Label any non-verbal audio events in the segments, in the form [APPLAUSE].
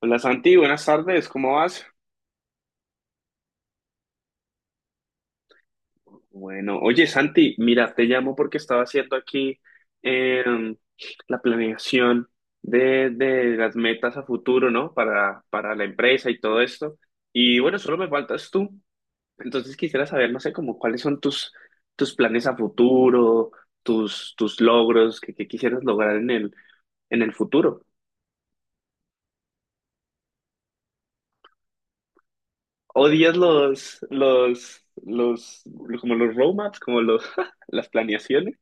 Hola Santi, buenas tardes, ¿cómo vas? Bueno, oye Santi, mira, te llamo porque estaba haciendo aquí em, la planeación de las metas a futuro, ¿no? Para la empresa y todo esto. Y bueno, solo me faltas tú. Entonces quisiera saber, no sé, como cuáles son tus planes a futuro, tus logros que quisieras lograr en en el futuro. ¿Odias como los roadmaps, como los, [LAUGHS] las planeaciones?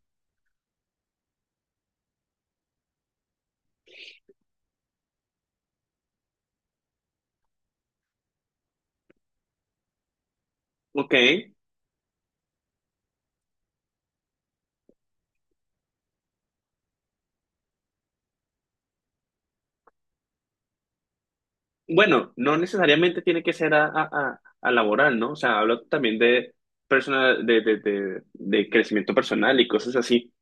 Ok. Bueno, no necesariamente tiene que ser a laboral, ¿no? O sea, hablo también de personal, de crecimiento personal y cosas así.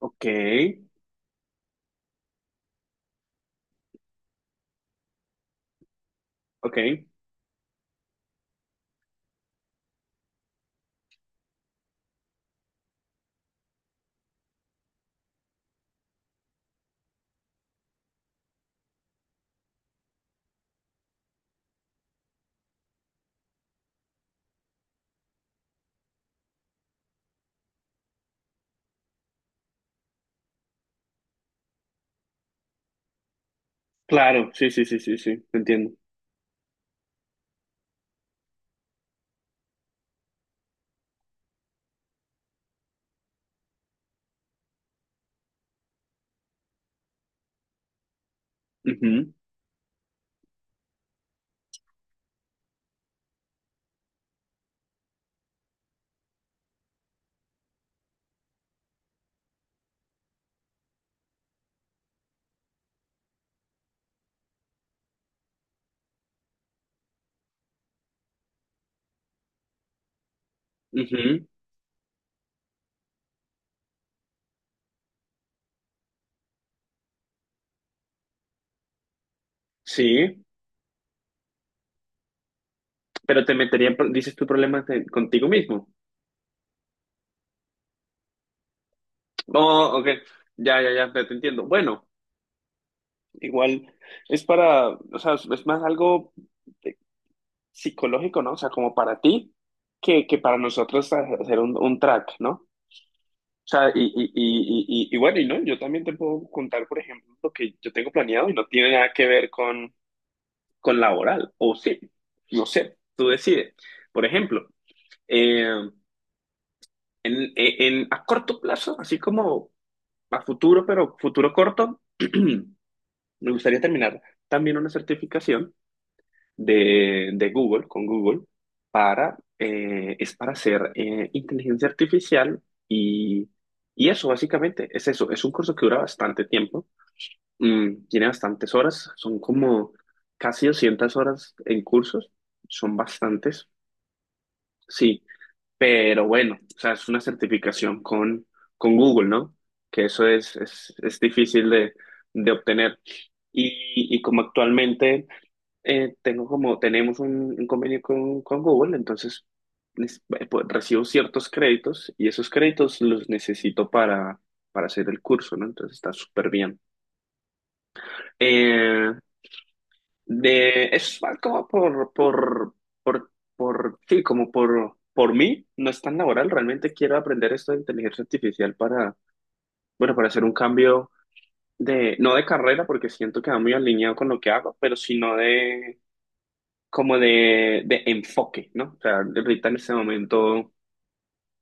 Ok, ok. Claro, sí, sí, sí, sí, sí, entiendo. Ujú, ujú. Sí, pero te metería, en pro- dices tu problema contigo mismo. Oh, ok, ya, ya, ya, ya te entiendo. Bueno, igual es para, o sea, es más algo eh, psicológico, ¿no? O sea, como para ti que para nosotros hacer un track, ¿no? O sea, y bueno, y no, yo también te puedo contar, por ejemplo, lo que yo tengo planeado y no tiene nada que ver con laboral, o sí, no sé, tú decides. Por ejemplo, eh, a corto plazo, así como a futuro, pero futuro corto, [CLEARS THROAT] me gustaría terminar también una certificación de Google, con Google, para, es para hacer inteligencia artificial y, y eso básicamente es eso, es un curso que dura bastante tiempo, tiene bastantes horas, son como casi 200 horas en cursos, son bastantes, sí, pero bueno, o sea, es una certificación con Google, ¿no? Que eso es difícil de obtener. Y como actualmente tengo como, tenemos un convenio con Google, entonces pues, recibo ciertos créditos y esos créditos los necesito para hacer el curso, ¿no? Entonces está súper bien. Eh, de, es más como por, sí, como por mí, no es tan laboral, realmente quiero aprender esto de inteligencia artificial para, bueno, para hacer un cambio de, no de carrera, porque siento que va muy alineado con lo que hago, pero sino de como de enfoque, ¿no? O sea, ahorita en este momento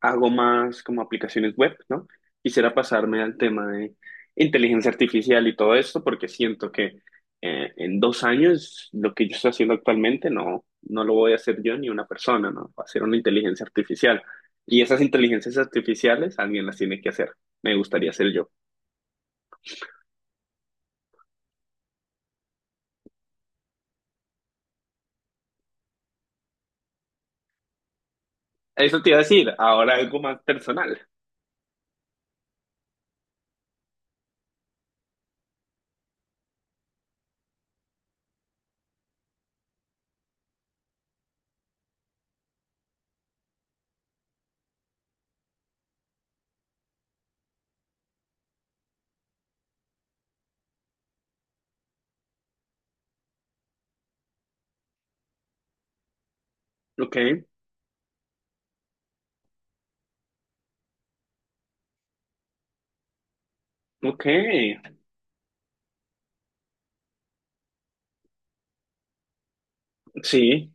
hago más como aplicaciones web, ¿no? Quisiera pasarme al tema de inteligencia artificial y todo esto porque siento que en 2 años lo que yo estoy haciendo actualmente no, no lo voy a hacer yo ni una persona, ¿no? Va a ser una inteligencia artificial. Y esas inteligencias artificiales alguien las tiene que hacer. Me gustaría ser yo. Eso te iba a decir, ahora algo más personal. Ok, ok, sí,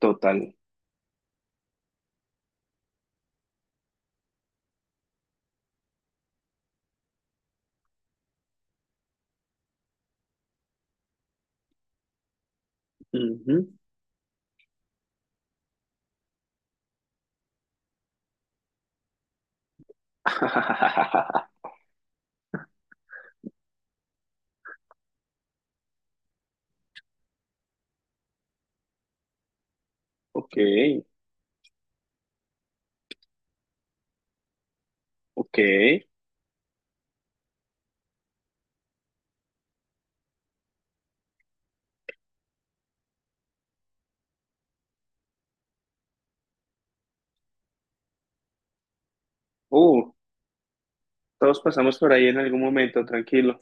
total. Ujú. [LAUGHS] Ok, ok. Uh, todos pasamos por ahí en algún momento, tranquilo.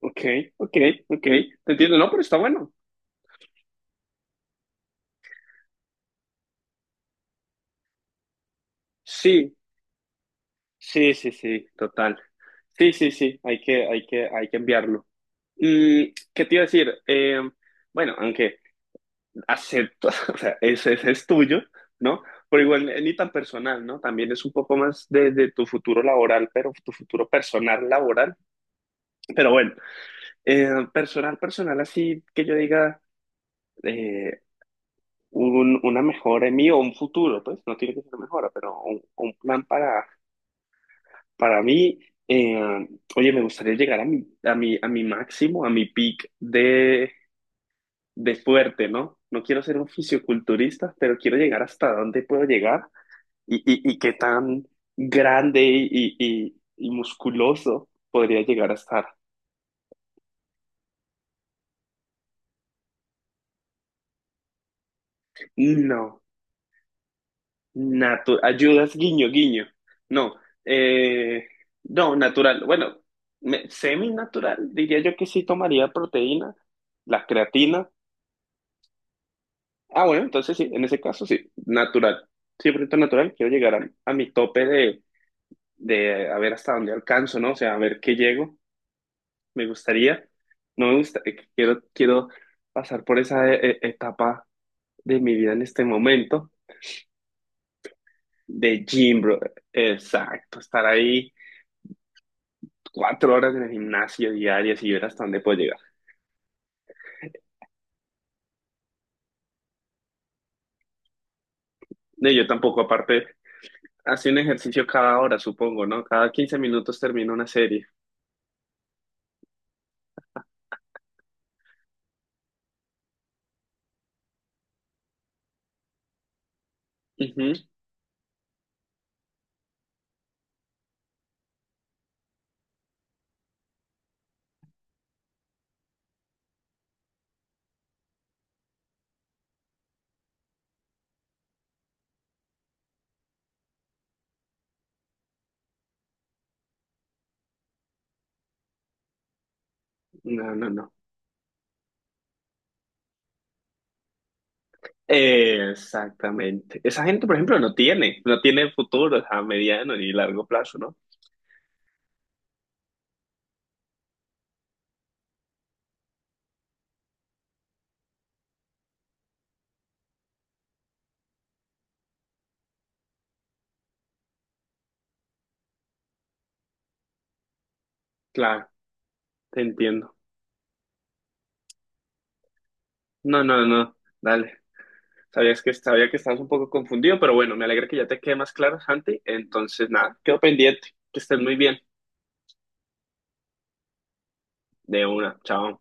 Ok, ok, ok. Te entiendo, no, pero está bueno. Sí, sí, sí, sí, total. Sí, sí, sí, hay que enviarlo. Mm, ¿qué te iba a decir? Bueno, aunque acepto, [LAUGHS] o sea, ese es tuyo, ¿no? Pero igual ni tan personal, ¿no? También es un poco más de tu futuro laboral, pero tu futuro personal laboral. Pero bueno. Personal, personal, así que yo diga eh, un- una mejora en mí o un futuro, pues no tiene que ser mejora, pero un plan para mí. Eh, oye, me gustaría llegar a mi máximo, a mi peak de fuerte, ¿no? No quiero ser un fisioculturista, pero quiero llegar hasta dónde puedo llegar y qué tan grande y y musculoso podría llegar a estar. No. Natu- ayudas, guiño, guiño. No, eh, no, natural. Bueno, me- seminatural, diría yo que sí tomaría proteína, la creatina. Ah, bueno, entonces sí, en ese caso sí, natural. 100% natural, quiero llegar a mi tope de a ver hasta dónde alcanzo, ¿no? O sea, a ver qué llego, me gustaría. No me gusta, quiero pasar por esa etapa de mi vida en este momento, de gym, bro. Exacto, estar ahí 4 horas en el gimnasio diarias y ver hasta dónde puedo llegar. No, yo tampoco, aparte, hace un ejercicio cada hora, supongo, ¿no? Cada 15 minutos termino una serie. Ujú. No, no, no. Exactamente. Esa gente, por ejemplo, no tiene, no tiene futuro a mediano ni largo plazo, ¿no? Claro, te entiendo. No, no, no. Dale. Sabías que sabía que estabas un poco confundido, pero bueno, me alegra que ya te quede más claro, Santi. Entonces, nada, quedo pendiente. Que estés muy bien. De una. Chao.